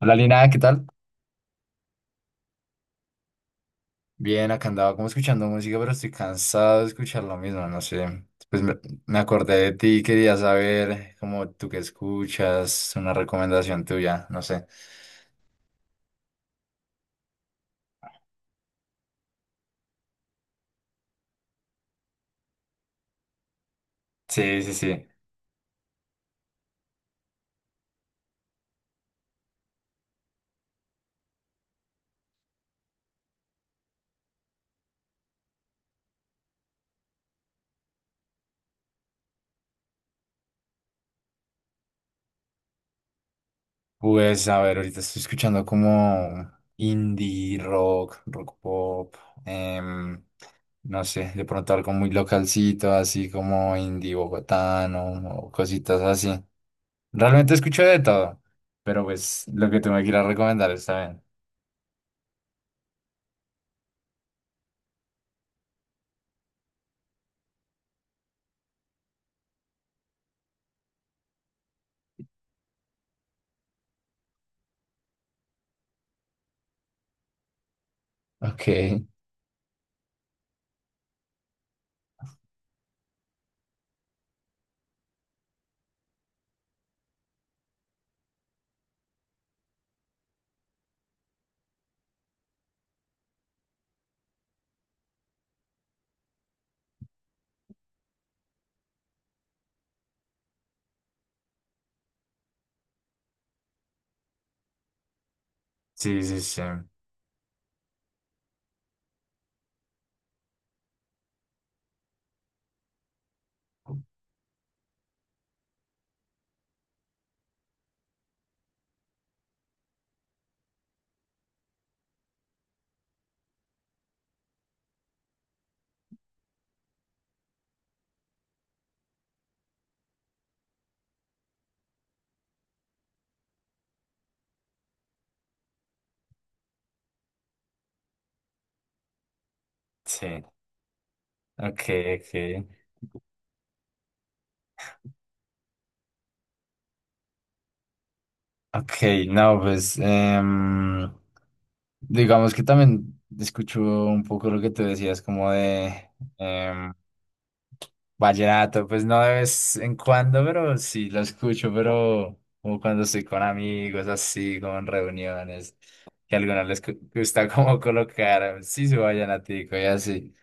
Hola Lina, ¿qué tal? Bien, acá andaba como escuchando música, pero estoy cansado de escuchar lo mismo, no sé. Pues me acordé de ti, quería saber cómo tú que escuchas, una recomendación tuya, no sé. Sí, sí, sí. Pues a ver, ahorita estoy escuchando como indie rock, rock pop, em, no sé, de pronto algo muy localcito, así como indie bogotano o cositas así. Realmente escucho de todo, pero pues lo que tú me quieras recomendar está bien. Ok. Sí, sí, sí. Sí. Ok, ok. Ok, no, pues digamos que también escucho un poco lo que tú decías, como de em, vallenato, pues no de vez en cuando, pero sí lo escucho, pero como cuando estoy con amigos, así, como en reuniones, que a algunos les gusta como colocar, sí, su vallenatico y así.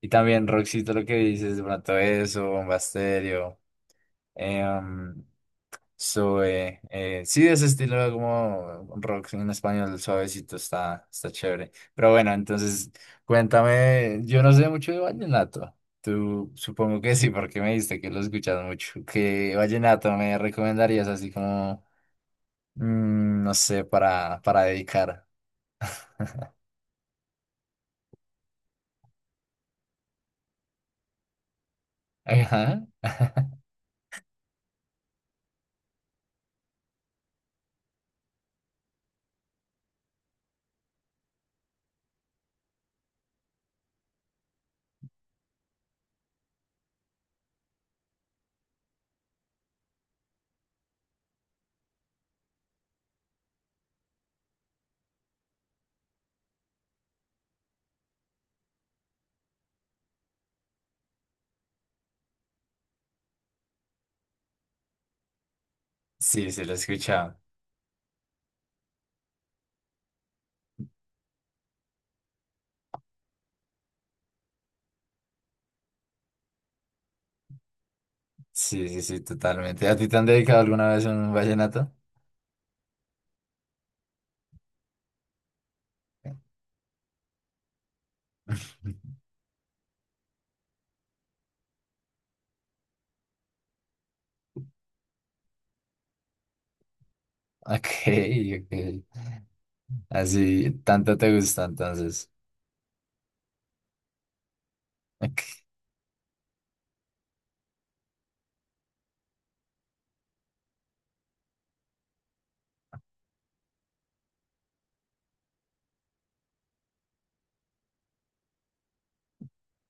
Y también Roxito, lo que dices, de pronto eso, Bomba Estéreo. Em, sube, sí, de ese estilo como rock en español suavecito está, está chévere. Pero bueno, entonces cuéntame, yo no sé mucho de vallenato. Tú supongo que sí, porque me dijiste que lo escuchas mucho. ¿Qué vallenato me recomendarías así como, no sé, para dedicar? Ajá. Sí, sí, lo he escuchado. Sí, sí, sí, totalmente. ¿A ti te han dedicado alguna vez un vallenato? Ok, ok. Así, tanto te gusta entonces. Ok.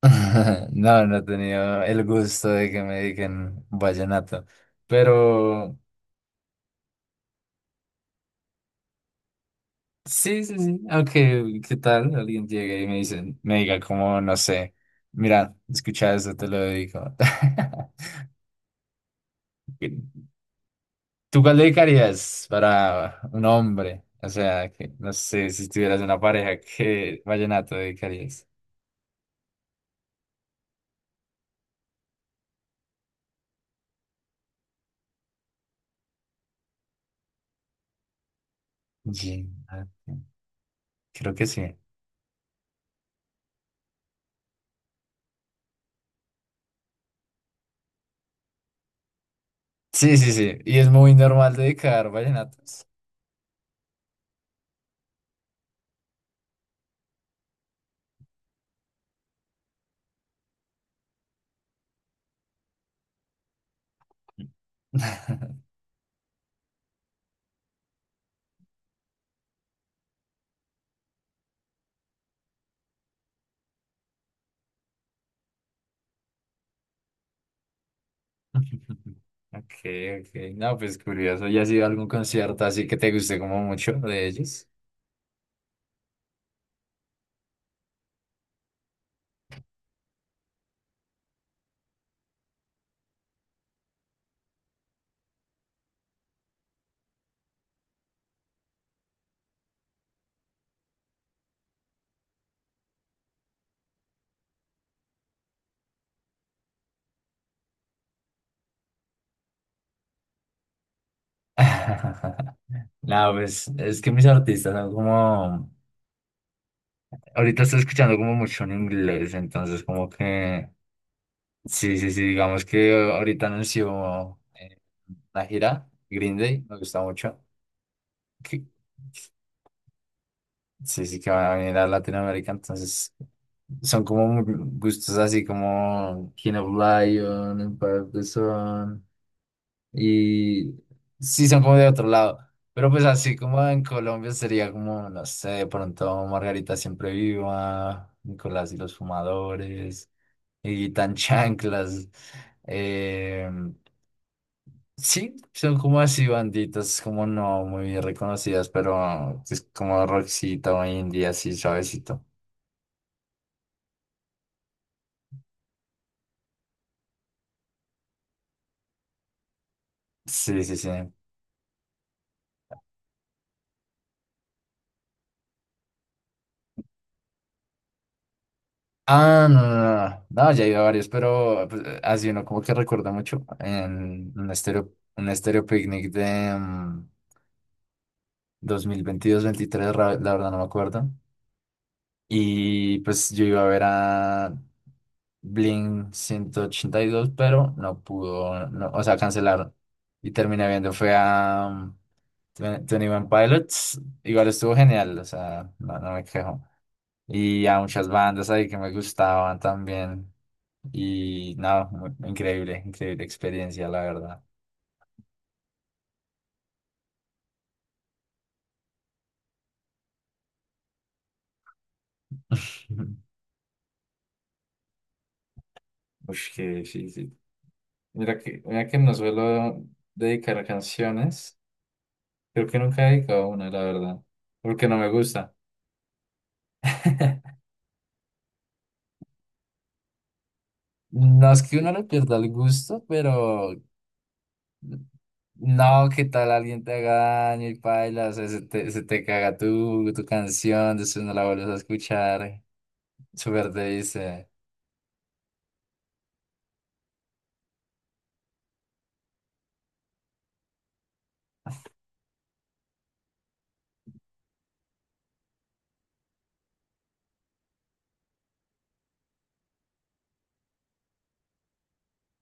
No, no he tenido el gusto de que me digan vallenato. Pero sí, sí, sí. Aunque, ¿qué tal? Alguien llegue y me dice, me diga como, no sé, mira, escucha esto, te lo dedico. ¿Tú cuál dedicarías para un hombre? O sea, que no sé, si tuvieras una pareja, ¿qué vallenato dedicarías? Vallenato. Creo que sí. Sí, sí, sí. Y es muy normal dedicar vallenatos. Ok, ok. No, pues curioso. ¿Ya has ido a algún concierto así que te guste como mucho de ellos? No, pues es que mis artistas son como... Ahorita estoy escuchando como mucho en inglés, entonces como que... Sí, sí, sí, digamos que ahorita anunció la gira Green Day, me gusta mucho. que- Sí, sí, que van a venir a Latinoamérica, entonces son como gustos así como King of Lion, Empire of the Sun, y sí son como de otro lado, pero pues así como en Colombia sería como, no sé, de pronto Margarita Siempre Viva, Nicolás y los Fumadores, y Tan Chanclas, eh, sí, son como así banditas, como no muy reconocidas, pero es como Roxito o indie, así suavecito. Sí, sí, sí. Ah, no, no, no, no, no, ya he ido a varios, pero pues, así uno como que recuerda mucho en un estéreo picnic de 2022-23, la verdad no me acuerdo. Y pues yo iba a ver a Blink-182, pero no pudo, no, o sea, cancelaron. Y terminé viendo, fue a 21 Pilots, igual estuvo genial, o sea, no, no me quejo y a muchas bandas ahí que me gustaban también. Y nada, increíble, increíble experiencia, la verdad. Uy, que sí, sí. Mira que no suelo dedicar canciones. Creo que nunca he dedicado una, la verdad. Porque no me gusta. No es que uno le pierda el gusto, pero no, que tal alguien te haga daño y paila, o sea, se te caga tu canción, después no la vuelves a escuchar, súper te dice.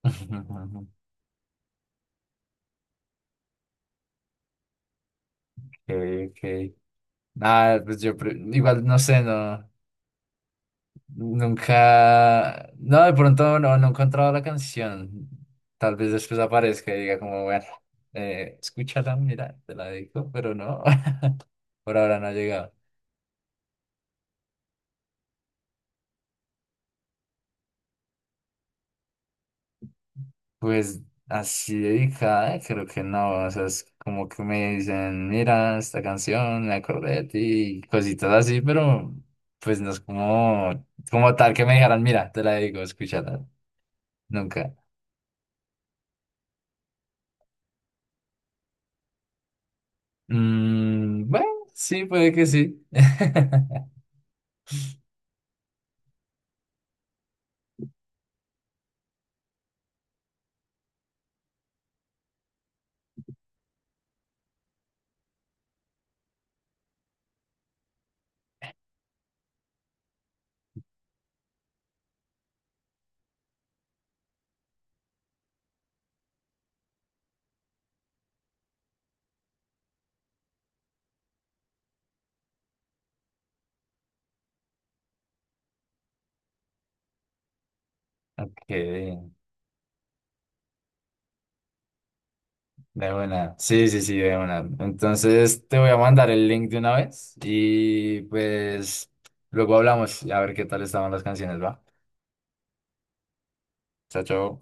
Okay, ok. Nada, pues yo igual no sé, no, nunca, no, de pronto no he encontrado la canción. Tal vez después aparezca y diga como, bueno, escúchala, mira, te la dedico, pero no, por ahora no ha llegado. Pues así dedicada, creo que no, o sea, es como que me dicen, mira, esta canción, me acordé de ti, y cositas así, pero pues no es como, como tal que me dijeran, mira, te la dedico, escúchala, nunca. Mm, bueno, sí, puede que sí. Ok, de una. Sí, sí, sí, de una. Entonces te voy a mandar el link de una vez y pues luego hablamos y a ver qué tal estaban las canciones, ¿va? Chao, chao.